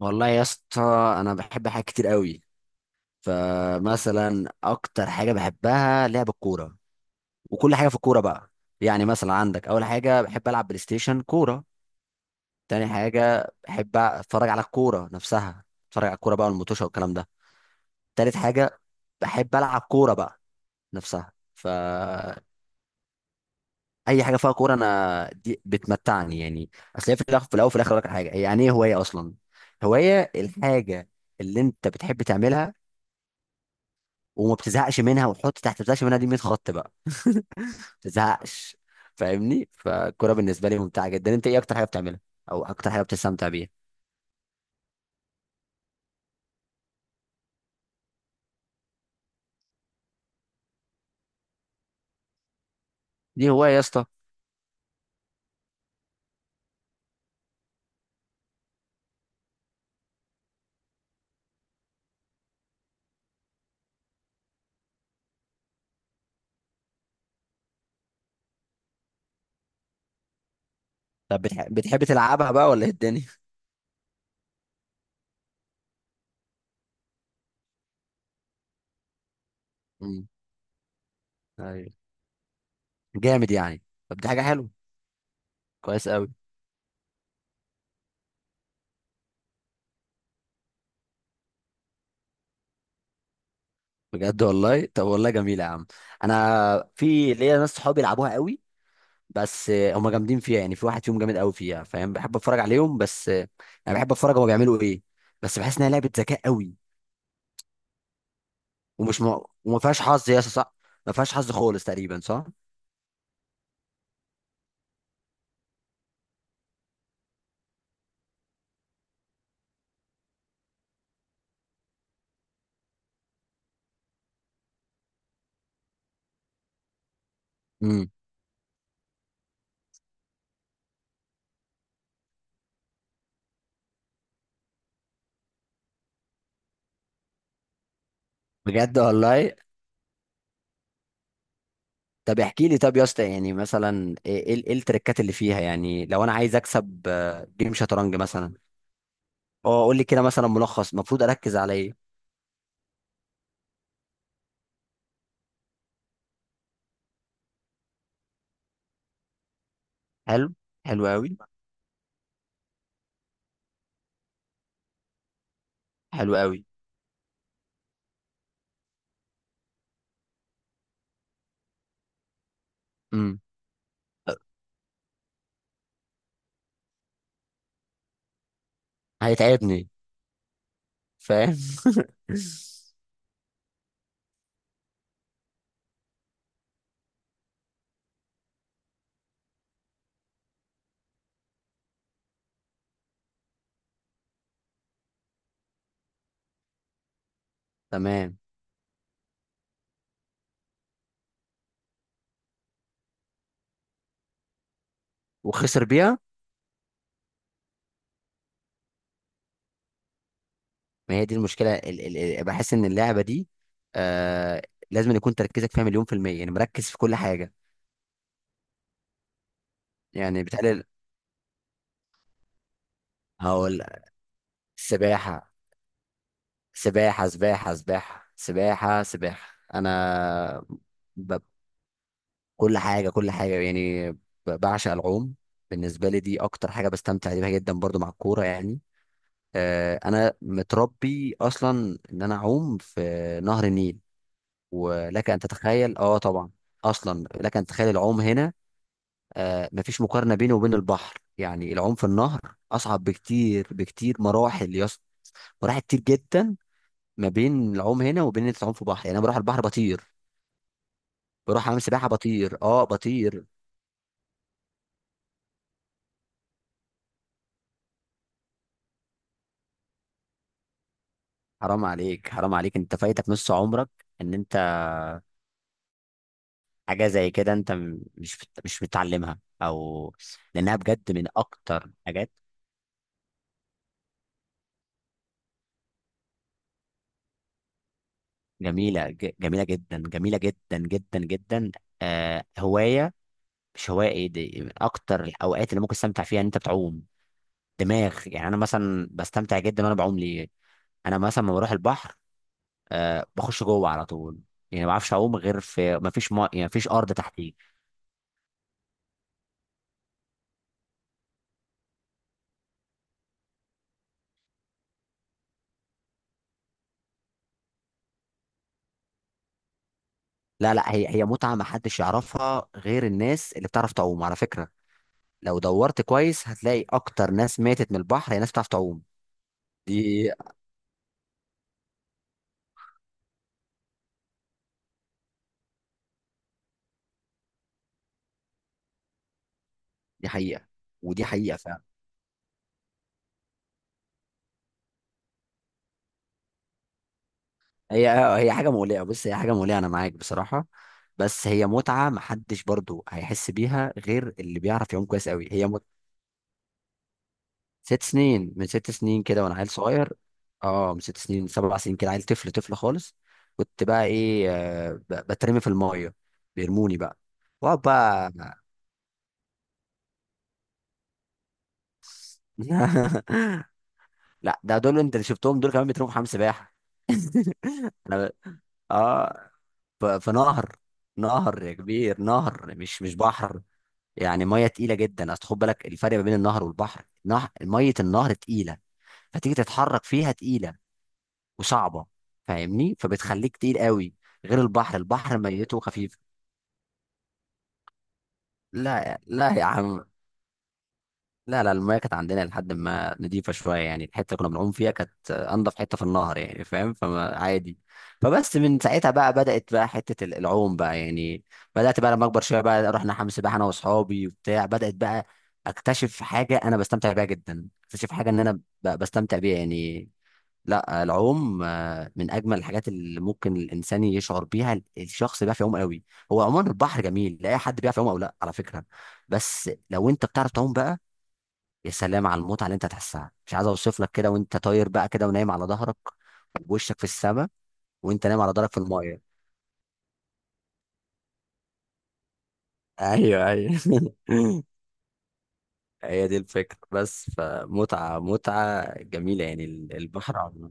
والله يا اسطى، انا بحب حاجات كتير قوي. فمثلا اكتر حاجه بحبها لعب الكوره، وكل حاجه في الكوره بقى. يعني مثلا عندك، اول حاجه بحب العب بلاي ستيشن كوره. تاني حاجه بحب اتفرج على الكوره نفسها، اتفرج على الكوره بقى والموتوشه والكلام ده. تالت حاجه بحب العب كوره بقى نفسها. فاي حاجه فيها كوره انا دي بتمتعني يعني. اصل هي في الاخر، في الاول وفي الاخر أقول لك على حاجه، يعني ايه هوايه اصلا؟ هوايه الحاجه اللي انت بتحب تعملها، وما بتزهقش منها، وحط تحت بتزهقش منها، دي 100 خط بقى ما بتزهقش، فاهمني. فالكوره بالنسبه لي ممتعه جدا. انت ايه اكتر حاجه بتعملها او اكتر حاجه بتستمتع بيها؟ دي هوايه يا اسطى. طب بتحب تلعبها بقى ولا ايه الدنيا؟ امم. ايوه، جامد يعني. طب دي حاجه حلوه، كويس قوي. بجد والله؟ طب والله جميله يا عم. انا في ليا ناس صحابي يلعبوها قوي، بس هم جامدين فيها. يعني في واحد فيهم جامد قوي فيها، فاهم؟ بحب اتفرج عليهم، بس انا بحب اتفرج هما بيعملوا ايه. بس بحس انها لعبه ذكاء قوي. ومش م... وما فيهاش حظ يا اسطى، صح؟ ما فيهاش حظ خالص تقريبا، صح؟ امم. بجد والله؟ طب احكي لي، طب يا اسطى، يعني مثلا ايه ايه إيه التريكات اللي فيها؟ يعني لو انا عايز اكسب جيم شطرنج مثلا. اه قول لي كده مثلا ملخص، المفروض اركز على ايه؟ حلو. حلو قوي. حلو قوي. امم. هيتعبني، فاهم. تمام. وخسر بيها؟ ما هي دي المشكله، ال ال ال بحس ان اللعبه دي، آه، لازم يكون تركيزك فيها مليون في المية، يعني مركز في كل حاجة. يعني بتقلل. هقول لك. سباحة سباحة سباحة سباحة سباحة سباحة. ب... كل حاجة كل حاجة يعني بعشق العوم. بالنسبة لي دي أكتر حاجة بستمتع بيها جدا، برضو مع الكورة يعني. أنا متربي أصلا إن أنا أعوم في نهر النيل، ولك أن تتخيل. أه طبعا. أصلا لك أن تتخيل العوم هنا. مفيش مقارنة بينه وبين البحر. يعني العوم في النهر أصعب بكتير بكتير مراحل، مراحل كتير جدا ما بين العوم هنا وبين ان انت تعوم في بحر. يعني انا بروح البحر بطير، بروح اعمل سباحه بطير، اه بطير. حرام عليك، حرام عليك، انت فايتك نص عمرك. ان انت حاجه زي كده انت مش متعلمها او... لانها بجد من اكتر حاجات جميله، جميله جدا، جميله جدا جدا جدا. آه هوايه، مش هوايه، ايه دي؟ من اكتر الاوقات اللي ممكن تستمتع فيها ان انت بتعوم. دماغ يعني، انا مثلا بستمتع جدا وانا بعوم، ليه؟ انا مثلا لما بروح البحر، آه، بخش جوه على طول. يعني ما بعرفش اعوم غير في ما فيش ارض تحتي. لا لا، هي متعه ما حدش يعرفها غير الناس اللي بتعرف تعوم، على فكره. لو دورت كويس هتلاقي اكتر ناس ماتت من البحر هي ناس بتعرف تعوم. دي دي حقيقه. ودي حقيقه فعلا. هي هي حاجه مولعه، بص هي حاجه مولعه، انا معاك بصراحه. بس هي متعه ما حدش برضو هيحس بيها غير اللي بيعرف يعوم كويس قوي، هي. ست سنين، من ست سنين كده وانا عيل صغير. اه من ست سنين سبع سنين كده، عيل طفل طفل خالص. كنت بقى ايه، بترمي في الميه، بيرموني بقى. واقعد بقى. لا ده دول انت اللي شفتهم دول كمان بيترموا في حمام سباحه. انا ب- اه ف- في نهر. نهر يا كبير، نهر، مش بحر. يعني ميه تقيله جدا، اصل خد بالك الفرق ما بين النهر والبحر. نهر، ميه النهر تقيله، فتيجي تتحرك فيها تقيله وصعبه، فاهمني؟ فبتخليك تقيل قوي، غير البحر، البحر ميته خفيف. لا لا يا عم، لا لا، المايه كانت عندنا لحد ما نضيفه شويه، يعني الحته اللي كنا بنعوم فيها كانت انضف حته في النهر يعني، فاهم؟ فما عادي. فبس من ساعتها بقى بدات بقى حته العوم بقى يعني، بدات بقى لما اكبر شويه بقى، رحنا حمام سباحه انا واصحابي وبتاع. بدات بقى اكتشف حاجه انا بستمتع بيها جدا، اكتشف حاجه ان انا بستمتع بيها يعني. لا العوم، آه، من اجمل الحاجات اللي ممكن الانسان يشعر بيها، الشخص بيعرف يعوم قوي. هو عموما البحر جميل، لا اي حد بيعرف يعوم او لا، على فكره. بس لو انت بتعرف تعوم بقى، يا سلام على المتعه اللي انت هتحسها. مش عايز اوصف لك، كده وانت طاير بقى كده ونايم على ظهرك ووشك في السماء، وانت نايم على ظهرك في المايه. ايوه ايوه. هي دي الفكره بس، فمتعه، متعه جميله يعني. البحر عموما.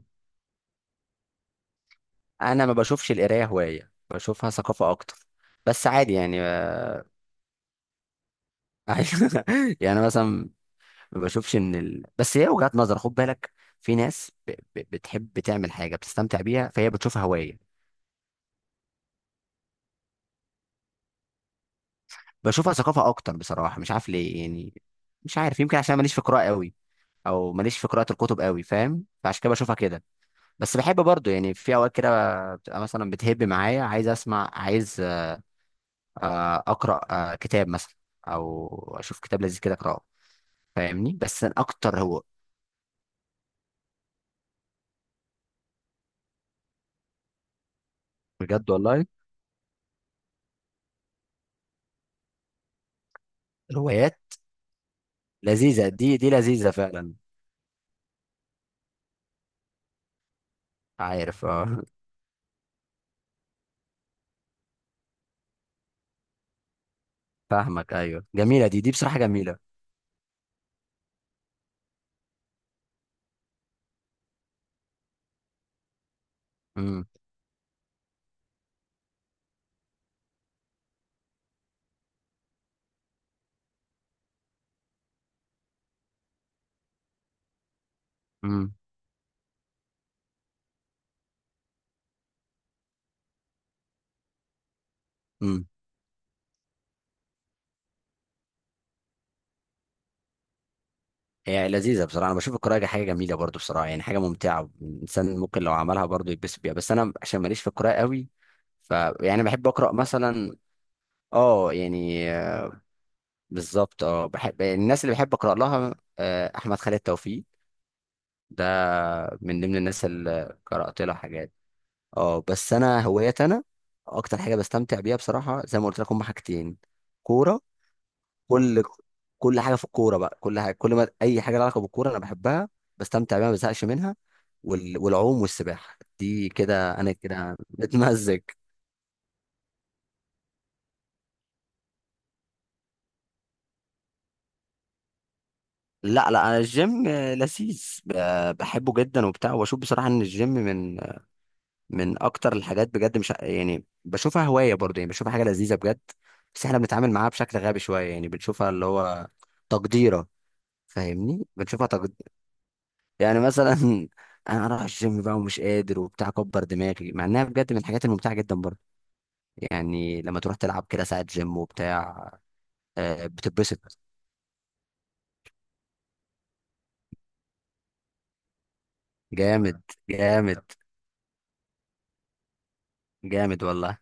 انا ما بشوفش القرايه هوايه، بشوفها ثقافه اكتر. بس عادي يعني. أيوة. يعني مثلا، ما بشوفش ان ال... بس هي وجهات نظر خد بالك. في ناس بتحب تعمل حاجه بتستمتع بيها فهي بتشوفها هوايه. بشوفها ثقافه اكتر بصراحه، مش عارف ليه يعني، مش عارف. يمكن عشان ماليش في قراءه قوي، او ماليش في قراءه الكتب قوي، فاهم؟ فعشان كده بشوفها كده. بس بحب برضو، يعني في اوقات كده بتبقى مثلا بتهب معايا، عايز اسمع، عايز، اقرا كتاب مثلا، او اشوف كتاب لذيذ كده اقراه، فاهمني؟ بس أنا اكتر هو... بجد والله؟ الروايات لذيذة، دي لذيذة فعلا. عارف، اه. فاهمك، ايوه جميلة، دي بصراحة جميلة. امم. امم. امم. هي لذيذة بصراحة، انا بشوف القراءة حاجة جميلة برضو بصراحة، يعني حاجة ممتعة، الانسان ممكن لو عملها برضو يتبسط بيها، بس انا عشان ماليش في القراءة قوي، ف... يعني بحب اقرا مثلا. اه يعني، بالظبط، اه بحب الناس اللي بحب اقرا لها، احمد خالد توفيق ده من ضمن الناس اللي قرات لها حاجات. اه بس انا هوايات انا، اكتر حاجه بستمتع بيها بصراحه زي ما قلت لكم هما حاجتين. كوره، كل كل حاجه في الكوره بقى، كل حاجه، كل ما اي حاجه لها علاقه بالكوره انا بحبها، بستمتع بيها، ما بزهقش منها. وال... والعوم والسباحه دي كده، انا كده متمزج. لا لا، انا الجيم لذيذ، بحبه جدا وبتاع. واشوف بصراحه ان الجيم من من اكتر الحاجات بجد، مش يعني بشوفها هوايه برضه، يعني بشوفها حاجه لذيذه بجد. بس احنا بنتعامل معاها بشكل غبي شويه، يعني بنشوفها اللي هو تقديره، فاهمني؟ يعني مثلا انا رايح الجيم بقى ومش قادر وبتاع، كبر دماغي، مع انها بجد من الحاجات الممتعه جدا برضه. يعني لما تروح تلعب كده ساعه جيم وبتاع، بتتبسط. جامد. جامد. جامد والله.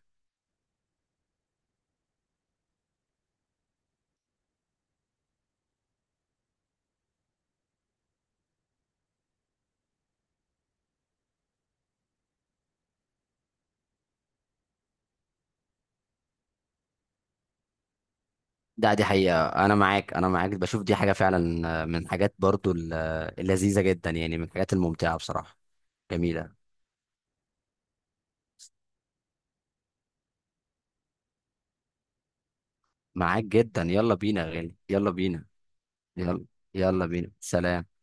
ده دي حقيقه، انا معاك انا معاك، بشوف دي حاجه فعلا، من الحاجات برضه اللذيذه جدا يعني، من الحاجات الممتعه بصراحه. جميله. معاك جدا، يلا بينا يا غالي، يلا بينا. يلا. يلا بينا، سلام.